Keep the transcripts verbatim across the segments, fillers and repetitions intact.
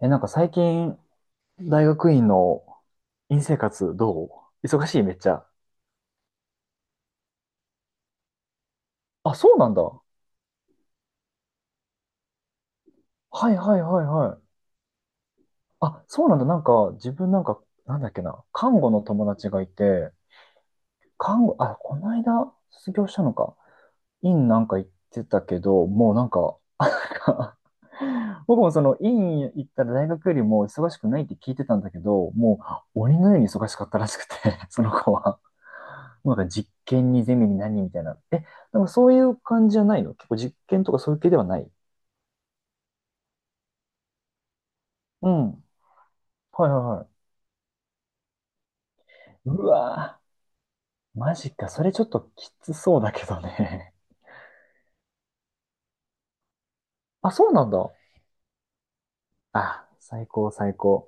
え、なんか最近、大学院の院生活どう忙しいめっちゃ。あ、そうなんだ。はいはいはいはい。あ、そうなんだ。なんか、自分なんか、なんだっけな。看護の友達がいて、看護、あ、この間、卒業したのか。インなんか行ってたけど、もうなんか、僕もそのイン行ったら大学よりも忙しくないって聞いてたんだけど、もう鬼のように忙しかったらしくて、その子は。もうなんか実験にゼミに何みたいな。え、なんかそういう感じじゃないの？結構実験とかそういう系ではない？うん。はいはいはい。うわぁ、マジか。それちょっときつそうだけどね。あ、そうなんだ。あ、最高最高。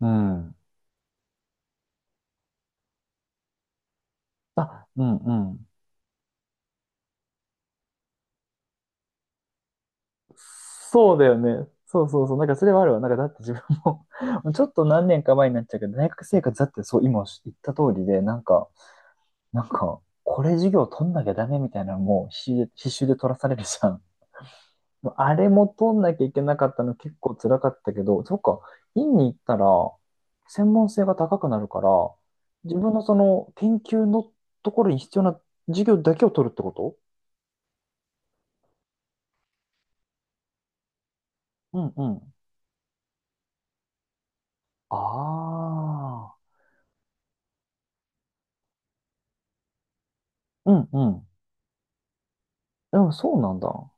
うん。あ、うんうん。そうだよね。そうそうそう。なんかそれはあるわ。なんかだって自分も ちょっと何年か前になっちゃうけど、大学生活だってそう今言った通りで、なんか、なんか、これ授業取んなきゃダメみたいなのも必死で、必修で取らされるじゃん。あれも取んなきゃいけなかったの結構辛かったけど、そっか、院に行ったら、専門性が高くなるから、自分のその研究のところに必要な授業だけを取るってこと？うんうん。ああ、うんうん。でもそうなんだ。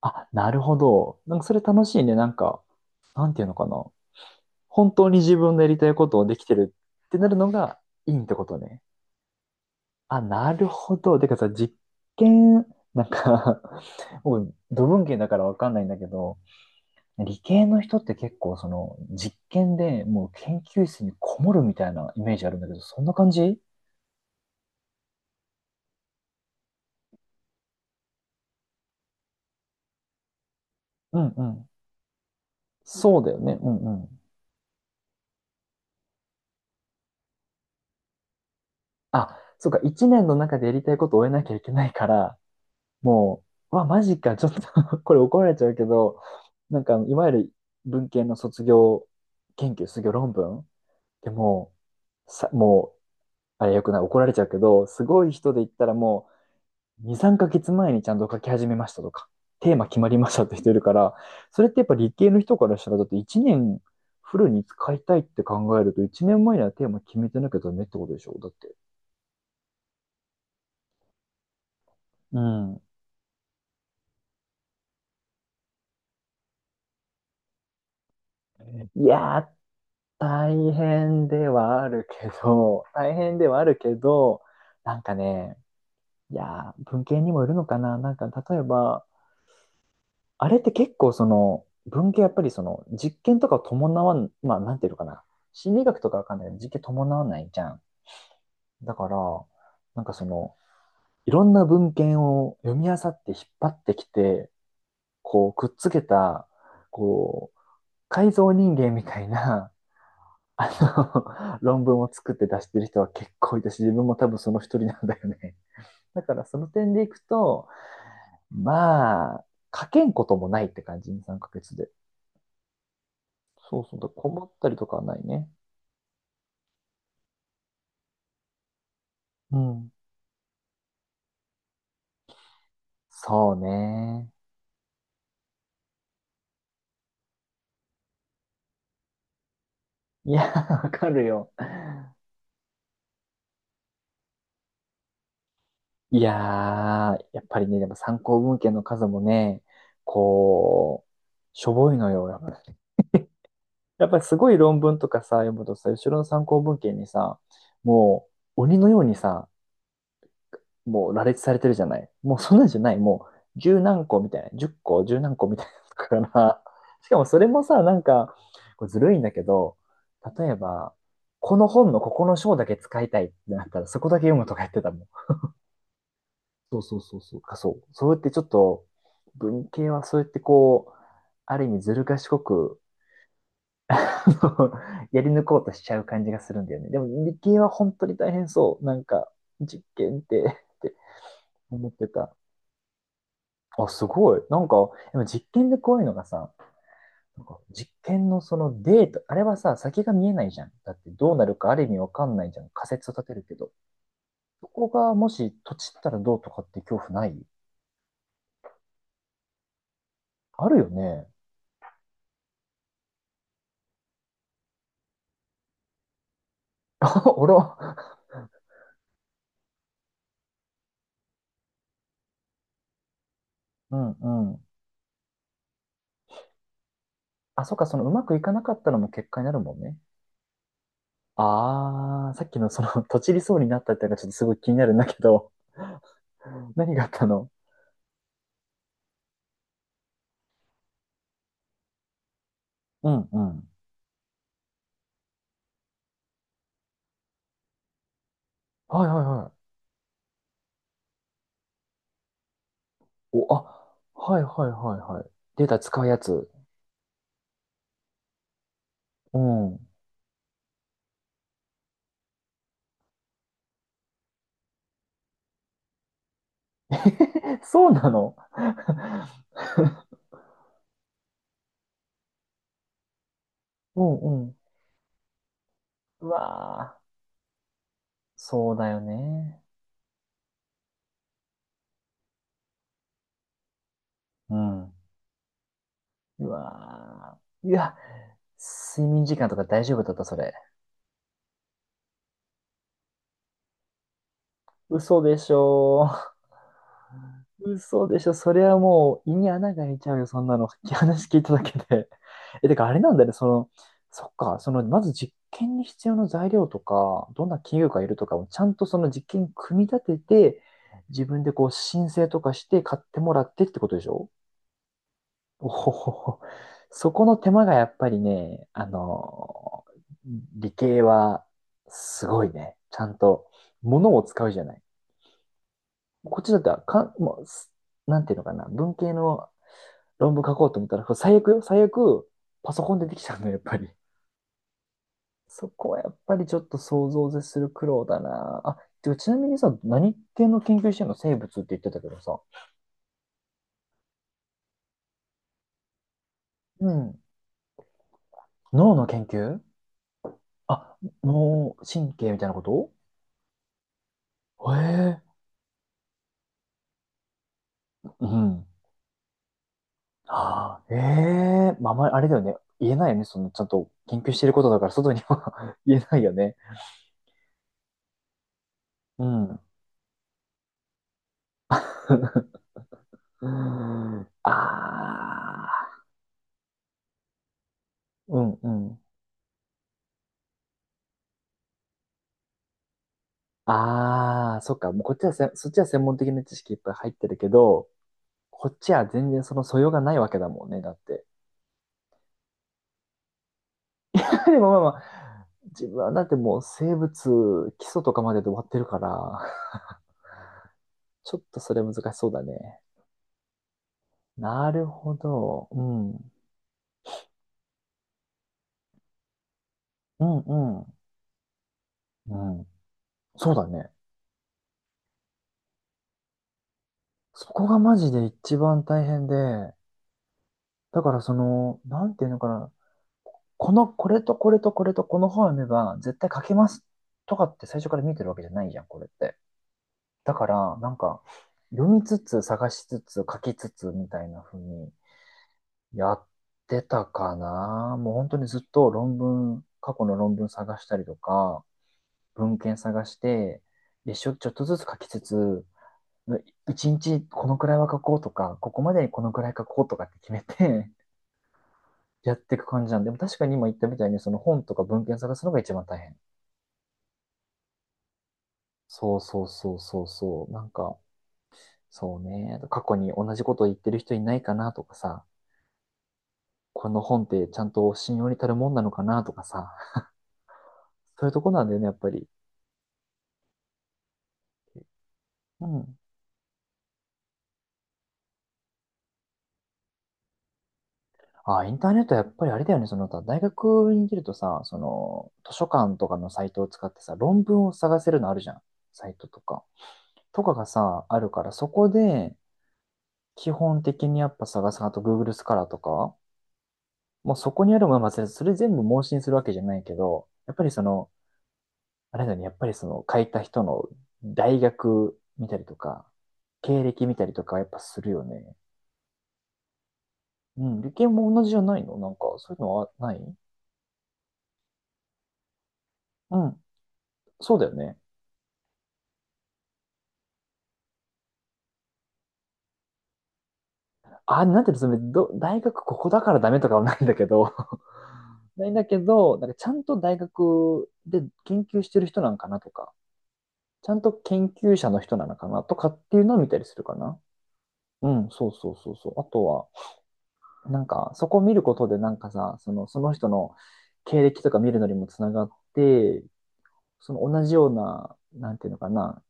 あ、なるほど。なんかそれ楽しいね。なんか、なんていうのかな。本当に自分のやりたいことをできてるってなるのがいいってことね。あ、なるほど。てかさ、実験、なんか 僕、土文系だからわかんないんだけど、理系の人って結構その実験でもう研究室にこもるみたいなイメージあるんだけど、そんな感じ？うんうん。そうだよね。うんうん。あ、そうか。一年の中でやりたいことを終えなきゃいけないから、もう、うわ、マジか、ちょっと これ怒られちゃうけど、なんか、いわゆる文系の卒業研究、卒業論文でもう、さ、もう、あれよくない、怒られちゃうけど、すごい人で言ったらもう、に、さんかげつまえにちゃんと書き始めましたとか、テーマ決まりましたって人いるから、それってやっぱ理系の人からしたら、だっていちねんフルに使いたいって考えると、いちねんまえにはテーマ決めてなきゃダメってことでしょだって。うん。いやー、大変ではあるけど、大変ではあるけど、なんかね、いやー、文系にもよるのかな。なんか、例えば、あれって結構その、文系やっぱりその、実験とかを伴わん、まあ、なんていうのかな。心理学とかわかんないけど、実験伴わないじゃん。だから、なんかその、いろんな文献を読み漁って引っ張ってきて、こう、くっつけた、こう、改造人間みたいな、あの、論文を作って出してる人は結構いたし、自分も多分その一人なんだよね。だからその点でいくと、まあ、書けんこともないって感じ、にさんかげつで。そうそうだ、困ったりとかはないね。うん。そうね。いや、わかるよ。いやー、やっぱりね、でも参考文献の数もね、こう、しょぼいのよ、やっぱり。やっぱりすごい論文とかさ、読むとさ、後ろの参考文献にさ、もう鬼のようにさ、もう羅列されてるじゃない。もうそんなんじゃない。もう十何個みたいな。十個、十何個みたいなのから。しかもそれもさ、なんか、これずるいんだけど、例えば、この本のここの章だけ使いたいってなったら、そこだけ読むとか言ってたもん。そうそうそうそう。か、そう。そうやってちょっと、文系はそうやってこう、ある意味ずる賢く やり抜こうとしちゃう感じがするんだよね。でも理系は本当に大変そう。なんか、実験って、って思ってた。あ、すごい。なんか、でも実験でこういうのがさ、なんか実験のそのデータ、あれはさ、先が見えないじゃん。だってどうなるかある意味わかんないじゃん。仮説を立てるけど。そこがもし、とちったらどうとかって恐怖ない？あるよね。あら。うんうん。あ、そっか、そのうまくいかなかったのも結果になるもんね。あー、さっきのその、とちりそうになったってのがちょっとすごい気になるんだけど、何があったの？うんうん。はいはいはい。お、あ、はいはいはいはい。データ使うやつ。うん。そうなの？ うんうん。うわー、そうだよね。うん。うわー。いや、睡眠時間とか大丈夫だった、それ？嘘でしょう 嘘でしょ。それはもう胃に穴が開いちゃうよ、そんなの。話聞いただけで。え、てかあれなんだね、その、そっか、その、まず実験に必要な材料とか、どんな企業がいるとかをちゃんとその実験組み立てて、自分でこう申請とかして買ってもらってってことでしょ？おほほほ。そこの手間がやっぱりね、あの、理系はすごいね。ちゃんと物を使うじゃない。こっちだったらかん、もうなんていうのかな、文系の論文書こうと思ったら、最悪よ、最悪、パソコンでできちゃうの、やっぱり。そこはやっぱりちょっと想像を絶する苦労だな。あ、てかちなみにさ、何系の研究してんの？生物って言ってたけどさ。うん。脳の研究？あ、脳神経みたいなこと？へえ。うん。ああ、ええまあ、あまりあれだよね。言えないよね。その、ちゃんと研究してることだから、外には 言えないよね。うん。うーん。ああ。うんうん。ああ、そっか。もうこっちはせ、そっちは専門的な知識いっぱい入ってるけど、こっちは全然その素養がないわけだもんね。だって。でもまあまあ、自分はだってもう生物基礎とかまでで終わってるから、ちょっとそれ難しそうだね。なるほど。うん。うんうん。うん。そうだね。そこがマジで一番大変で、だからその、なんていうのかな。この、これとこれとこれとこの本を読めば絶対書けますとかって最初から見てるわけじゃないじゃん、これって。だから、なんか、読みつつ、探しつつ、書きつつ、みたいな風にやってたかな。もう本当にずっと論文、過去の論文探したりとか、文献探して、一生ちょっとずつ書きつつ、一日このくらいは書こうとか、ここまでにこのくらい書こうとかって決めて やっていく感じなんで、でも確かに今言ったみたいに、その本とか文献探すのが一番大変。そうそうそうそうそう。なんか、そうね。過去に同じことを言ってる人いないかなとかさ、この本ってちゃんと信用に足るもんなのかなとかさ、そういうとこなんだよね、やっぱり。うん。あ、インターネットはやっぱりあれだよね、その他、大学にいるとさ、その、図書館とかのサイトを使ってさ、論文を探せるのあるじゃん。サイトとか。とかがさ、あるから、そこで、基本的にやっぱ探す、あと Google スカラーとか、もうそこにあるものは忘れず、それ全部盲信するわけじゃないけど、やっぱりその、あれだね、やっぱりその書いた人の大学見たりとか、経歴見たりとかはやっぱするよね。うん、理系も同じじゃないの？なんか、そういうのはない？うん、そうだよね。あ、なんていうの、それど、大学ここだからダメとかはないんだけど、ないんだけど、なんかちゃんと大学で研究してる人なんかなとか、ちゃんと研究者の人なのかなとかっていうのを見たりするかな。うん、そうそうそうそう。あとは、なんか、そこを見ることで、なんかさ、その、その人の経歴とか見るのにもつながって、その同じような、なんていうのかな、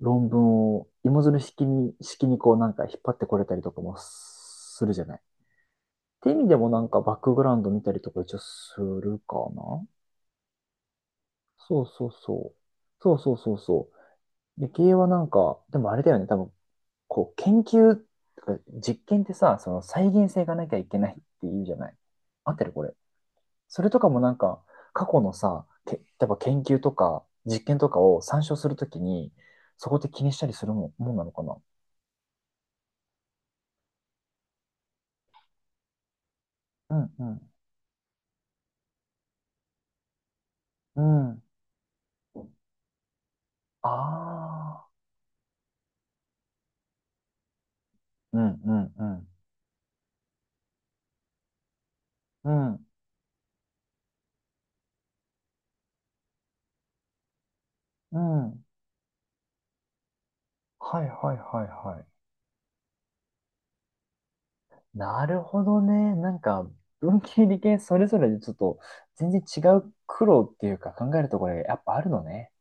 論文を芋づる式に、式にこうなんか引っ張ってこれたりとかもするじゃない。って意味でもなんかバックグラウンド見たりとか一応するかな。そうそうそう。そうそうそうそう。理系はなんか、でもあれだよね、多分、こう、研究とか実験ってさ、その再現性がなきゃいけないっていうじゃない。合ってるこれ？それとかもなんか、過去のさ、け、例えば研究とか実験とかを参照するときに、そこって気にしたりするもん、もんなのかな？うんうん。うん。ああ。うんうんうん。うん。うん。はいはいはいはい。なるほどね。なんか、文系理系それぞれでちょっと全然違う苦労っていうか考えるところがやっぱあるのね。